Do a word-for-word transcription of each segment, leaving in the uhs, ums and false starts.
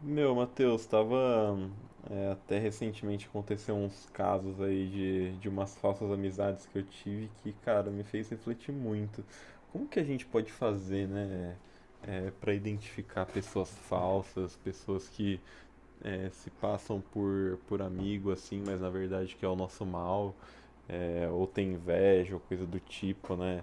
Meu, Matheus, estava até recentemente aconteceu uns casos aí de, de umas falsas amizades que eu tive que, cara, me fez refletir muito. Como que a gente pode fazer, né, é, para identificar pessoas falsas, pessoas que é, se passam por, por amigo assim, mas na verdade que é o nosso mal? É, ou tem inveja, ou coisa do tipo, né?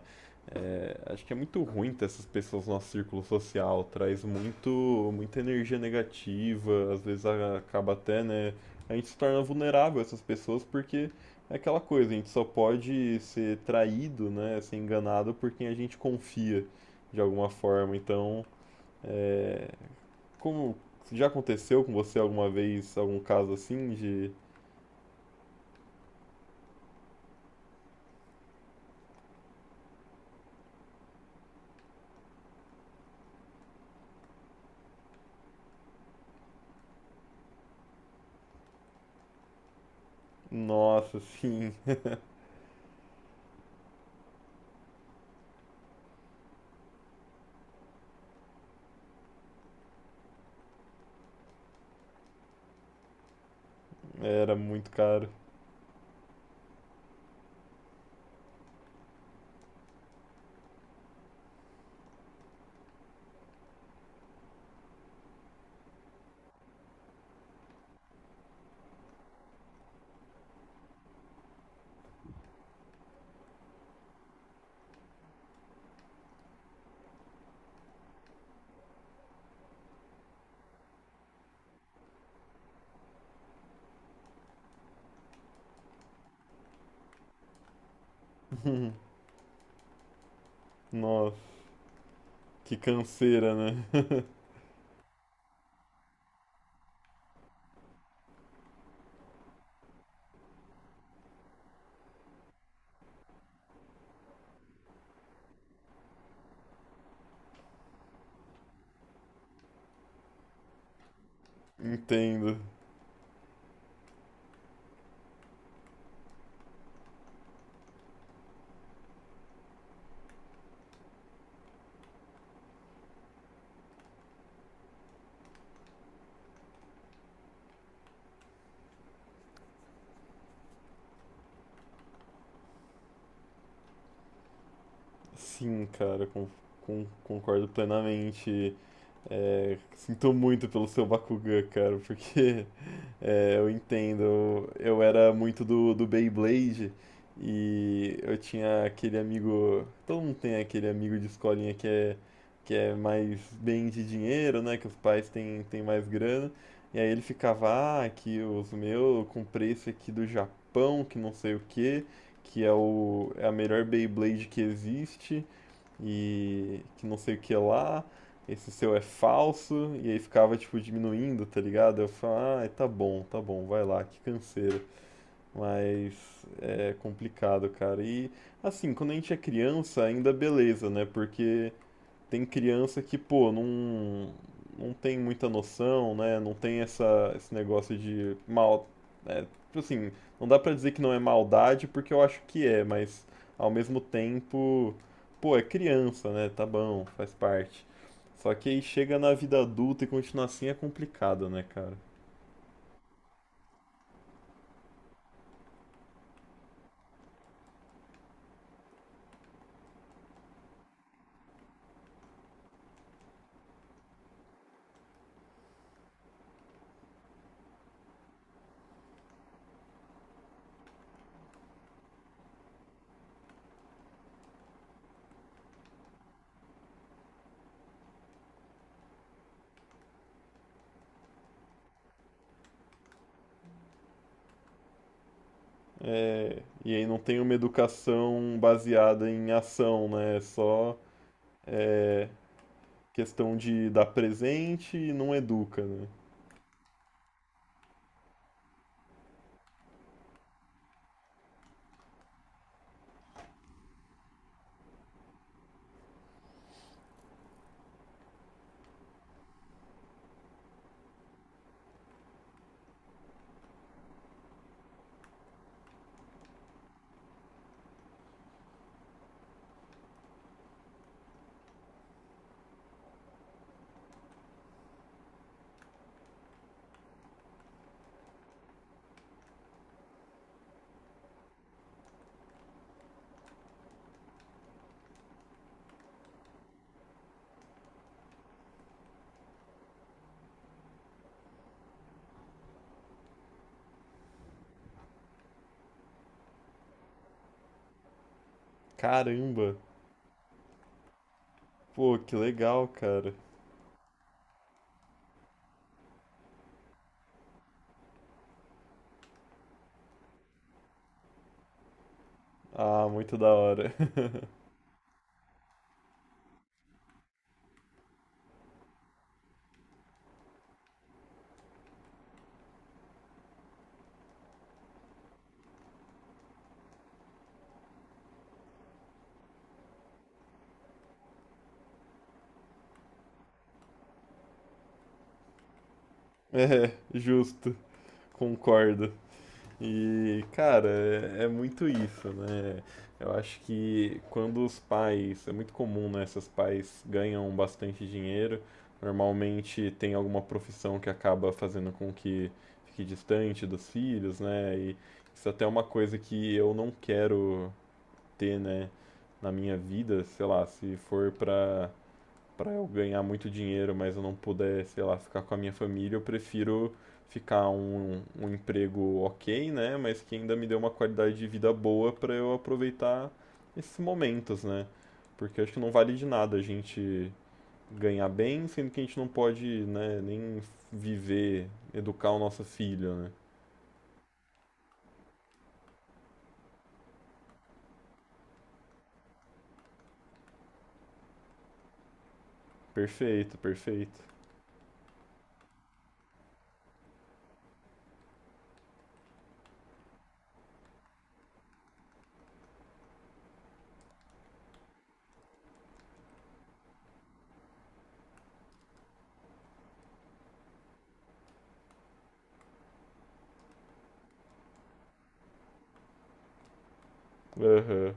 É, acho que é muito ruim ter essas pessoas no nosso círculo social, traz muito, muita energia negativa, às vezes a- acaba até, né? A gente se torna vulnerável a essas pessoas porque é aquela coisa, a gente só pode ser traído, né? Ser enganado por quem a gente confia de alguma forma. Então, é, como já aconteceu com você alguma vez algum caso assim de, nossa, sim, era muito caro. Nossa, que canseira, né? Entendo. Sim, cara, con- con- concordo plenamente. É, sinto muito pelo seu Bakugan, cara, porque é, eu entendo. Eu, era muito do, do Beyblade e eu tinha aquele amigo. Todo mundo tem aquele amigo de escolinha que é, que é mais bem de dinheiro, né? Que os pais têm, têm mais grana. E aí ele ficava, ah, aqui os meus, eu comprei esse aqui do Japão, que não sei o que que é, o, é a melhor Beyblade que existe e que não sei o que lá, esse seu é falso, e aí ficava, tipo, diminuindo, tá ligado? Eu falava, ah, tá bom, tá bom, vai lá, que canseira. Mas é complicado, cara. E assim, quando a gente é criança, ainda beleza, né? Porque tem criança que, pô, não, não tem muita noção, né? Não tem essa, esse negócio de mal. É, tipo assim, não dá pra dizer que não é maldade, porque eu acho que é, mas ao mesmo tempo, pô, é criança, né? Tá bom, faz parte. Só que aí chega na vida adulta e continuar assim é complicado, né, cara? É, e aí não tem uma educação baseada em ação, né? É só é, questão de dar presente e não educa, né? Caramba! Pô, que legal, cara. Ah, muito da hora. Justo, concordo. E, cara, é, é muito isso, né? Eu acho que quando os pais, é muito comum, né? Esses pais ganham bastante dinheiro, normalmente tem alguma profissão que acaba fazendo com que fique distante dos filhos, né? E isso até é uma coisa que eu não quero ter, né, na minha vida, sei lá, se for pra para eu ganhar muito dinheiro, mas eu não puder, sei lá, ficar com a minha família, eu prefiro ficar um, um emprego ok, né? Mas que ainda me dê uma qualidade de vida boa para eu aproveitar esses momentos, né? Porque eu acho que não vale de nada a gente ganhar bem, sendo que a gente não pode, né, nem viver, educar o nosso filho, né? Perfeito, perfeito. Aham.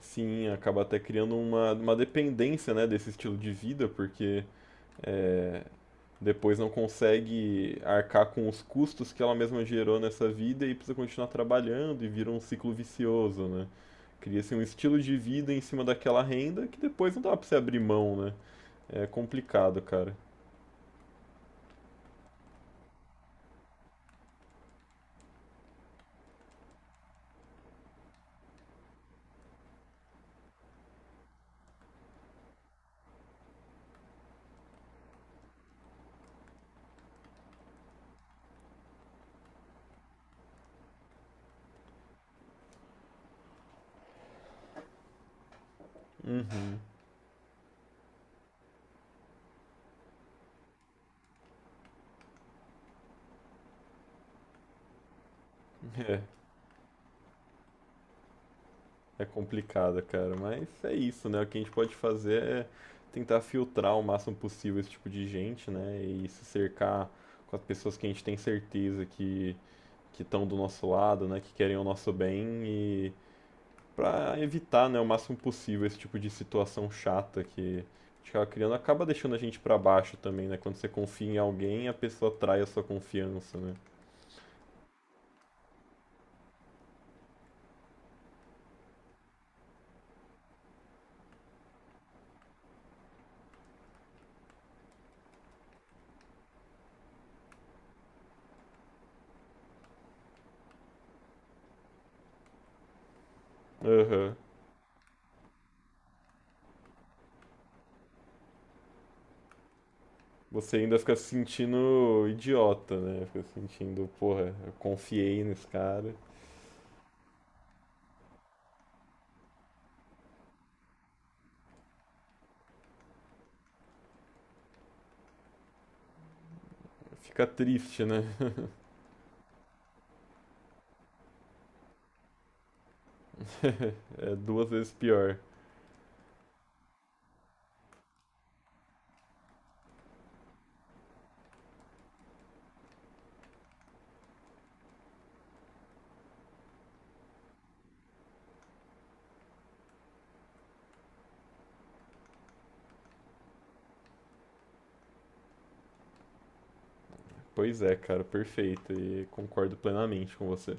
Sim, acaba até criando uma, uma dependência, né, desse estilo de vida, porque é, depois não consegue arcar com os custos que ela mesma gerou nessa vida e precisa continuar trabalhando e vira um ciclo vicioso, né? Cria-se um estilo de vida em cima daquela renda que depois não dá pra você abrir mão, né? É complicado, cara. Uhum. É, é complicado, cara. Mas é isso, né? O que a gente pode fazer é tentar filtrar o máximo possível esse tipo de gente, né? E se cercar com as pessoas que a gente tem certeza que que estão do nosso lado, né? Que querem o nosso bem e para evitar, né, o máximo possível esse tipo de situação chata que a gente acaba criando, acaba deixando a gente para baixo também, né? Quando você confia em alguém, a pessoa trai a sua confiança, né? Aham. Você ainda fica se sentindo idiota, né? Fica se sentindo, porra, eu confiei nesse cara. Fica triste, né? É duas vezes pior. Pois é, cara, perfeito. E concordo plenamente com você.